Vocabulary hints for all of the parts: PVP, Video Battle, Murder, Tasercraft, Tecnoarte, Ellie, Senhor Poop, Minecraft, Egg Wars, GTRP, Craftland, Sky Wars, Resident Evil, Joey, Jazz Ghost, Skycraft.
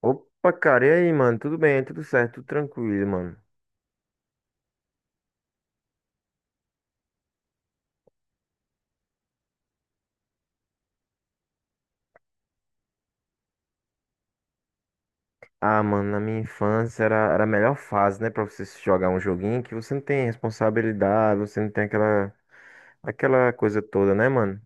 Opa, cara, e aí, mano? Tudo bem, tudo certo, tudo tranquilo, mano. Ah, mano, na minha infância era a melhor fase, né, pra você se jogar um joguinho que você não tem responsabilidade, você não tem aquela coisa toda, né, mano?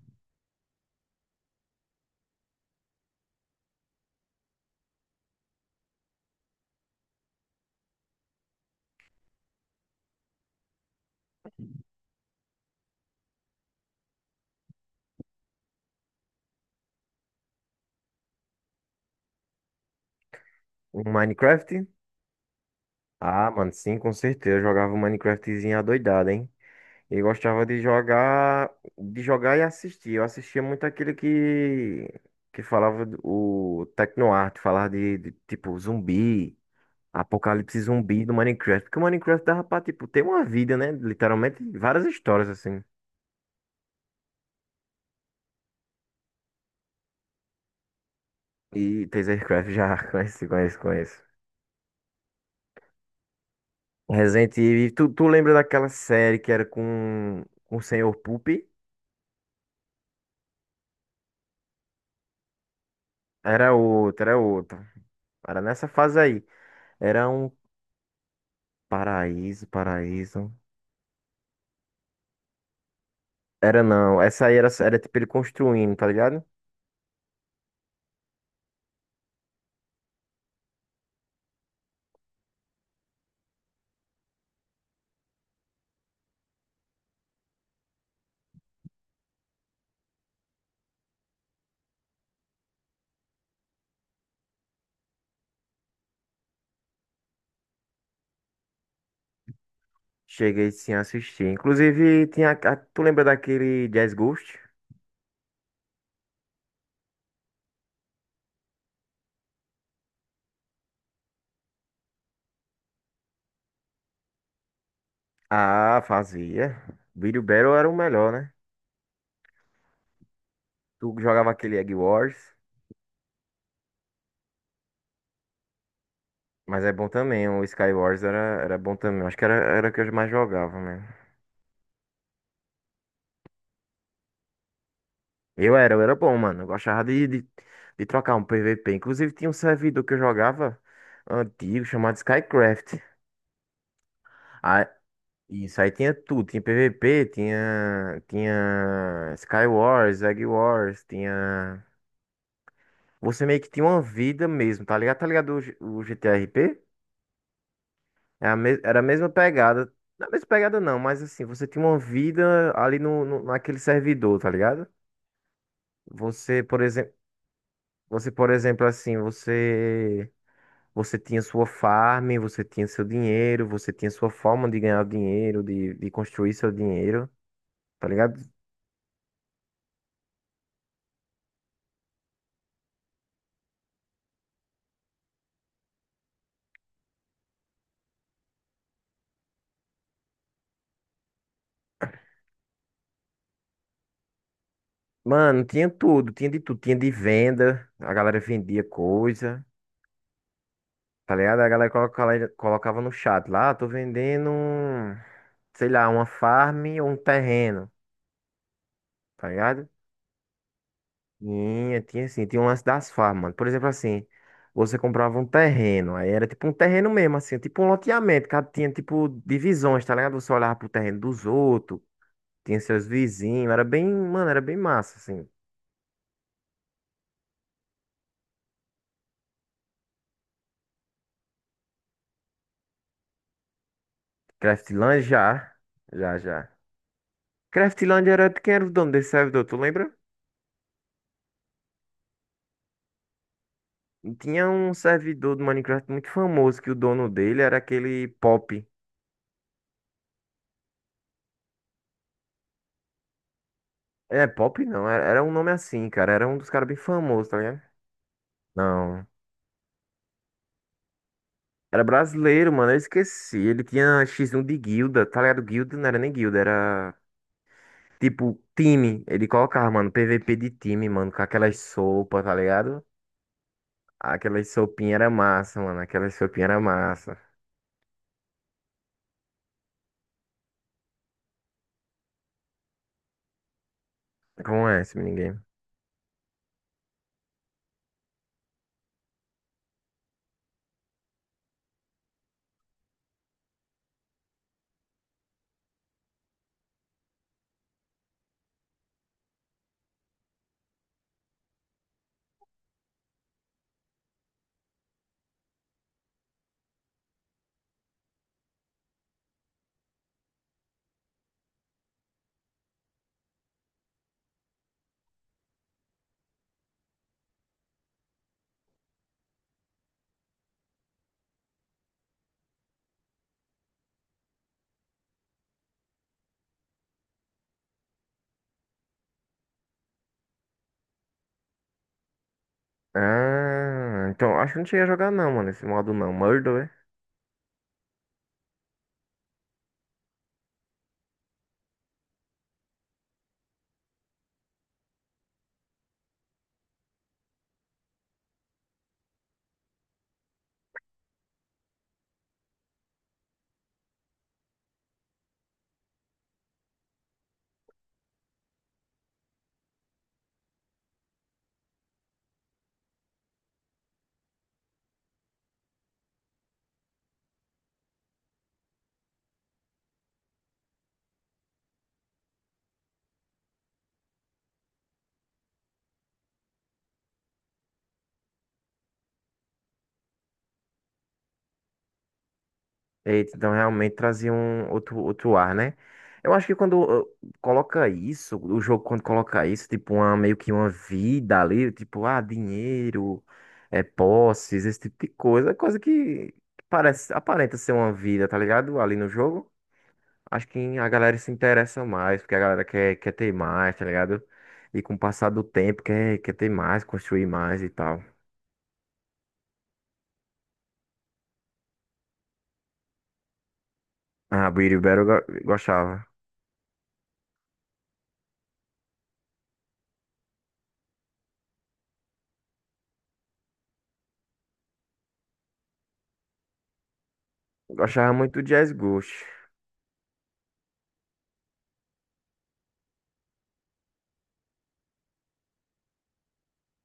O Minecraft? Ah, mano, sim, com certeza. Eu jogava um Minecraftzinho adoidado, hein? E gostava de jogar e assistir. Eu assistia muito aquele que falava do- o Tecnoarte, falava de tipo zumbi. Apocalipse zumbi do Minecraft. Porque o Minecraft dava pra, tipo, ter uma vida, né? Literalmente, várias histórias, assim. E Tasercraft já conhece, conhece, conhece. Resident Evil. Tu lembra daquela série que era com o Senhor Poop? Era outra. Era nessa fase aí. Era um paraíso, paraíso. Era não. Essa aí era tipo ele construindo, tá ligado? Cheguei sim a assistir. Inclusive, tinha. Tu lembra daquele Jazz Ghost? Ah, fazia. Video Battle era o melhor, né? Tu jogava aquele Egg Wars, mas é bom também. O Sky Wars era bom também. Acho que era o que eu mais jogava, né? Eu era bom, mano. Eu gostava de trocar um PVP. Inclusive, tinha um servidor que eu jogava antigo, chamado Skycraft. Aí, isso aí tinha tudo. Tinha PVP, tinha Sky Wars, Egg Wars, tinha. Você meio que tinha uma vida mesmo, tá ligado? Tá ligado o GTRP? Era a mesma pegada. Não é a mesma pegada não, mas assim, você tinha uma vida ali naquele servidor, tá ligado? Você, por exemplo, você, por exemplo, assim, você tinha sua farm, você tinha seu dinheiro, você tinha sua forma de ganhar dinheiro, de construir seu dinheiro, tá ligado? Mano, tinha tudo, tinha de venda, a galera vendia coisa, tá ligado? A galera colocava, colocava no chat lá, "Ah, tô vendendo, um, sei lá, uma farm ou um terreno, tá ligado? Tinha, tinha assim, tinha um lance das farmas, mano. Por exemplo, assim, você comprava um terreno, aí era tipo um terreno mesmo, assim, tipo um loteamento, cada tinha tipo divisões, tá ligado? Você olhava pro terreno dos outros, tinha seus vizinhos, era bem, mano, era bem massa, assim. Craftland já, já, já. Craftland era de quem era o dono desse servidor, tu lembra? Tinha um servidor do Minecraft muito famoso, que o dono dele era aquele Pop. É, Pop não, era um nome assim, cara, era um dos caras bem famosos, tá ligado? Não. Era brasileiro, mano. Eu esqueci. Ele tinha X1 de guilda, tá ligado? Guilda não era nem guilda, era tipo time. Ele colocava, mano, PVP de time, mano, com aquelas sopas, tá ligado? Aquelas sopinhas era massa, mano. Aquelas sopinhas era massa. Como é esse minigame? Ah, então acho que não cheguei a jogar não, mano, esse modo não. Murder, é? Eita, então realmente trazia um outro, outro ar, né? Eu acho que quando coloca isso, o jogo quando coloca isso, tipo, uma, meio que uma vida ali, tipo, ah, dinheiro, é, posses, esse tipo de coisa, é coisa que parece, aparenta ser uma vida, tá ligado? Ali no jogo. Acho que a galera se interessa mais, porque a galera quer, quer ter mais, tá ligado? E com o passar do tempo, quer, quer ter mais, construir mais e tal. Ah, Beauty Battle eu gostava. Gostava muito do Jazz Ghost.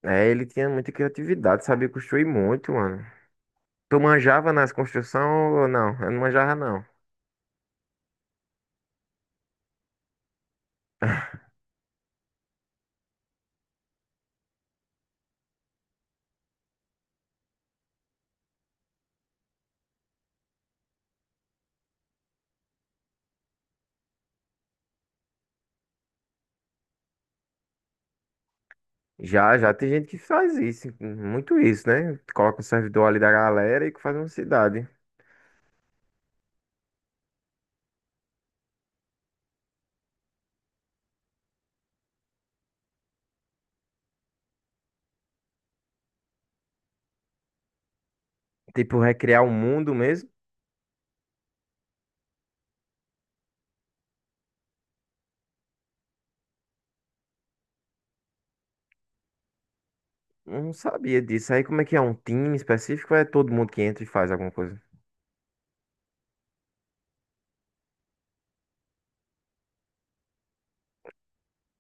É, ele tinha muita criatividade, sabia construir muito, mano. Tu manjava nas construções ou não? Eu não manjava, não. Já, já tem gente que faz isso, muito isso, né? Coloca o servidor ali da galera e faz uma cidade. Tipo, recriar o mundo mesmo? Eu não sabia disso. Aí como é que é? Um time específico ou é todo mundo que entra e faz alguma coisa?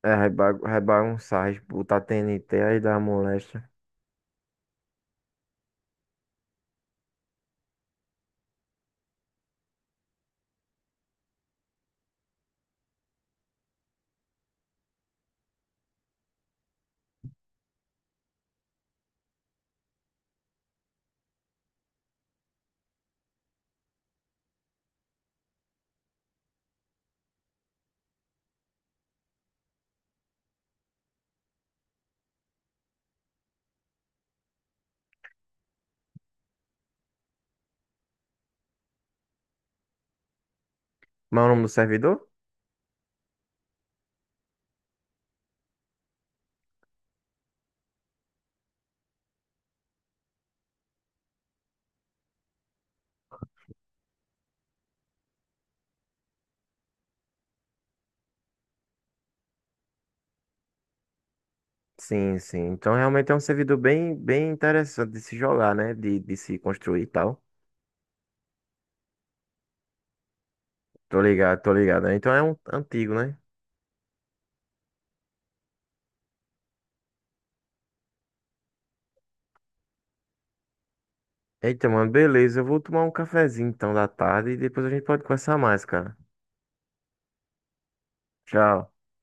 É, rebagunçar, botar TNT aí da moléstia. Mas é o nome do servidor? Sim, sim. Então realmente é um servidor bem, bem interessante de se jogar, né? De se construir e tal. Tô ligado, tô ligado, né? Então é um antigo, né? Eita, mano, beleza. Eu vou tomar um cafezinho então da tarde e depois a gente pode conversar mais, cara. Tchau.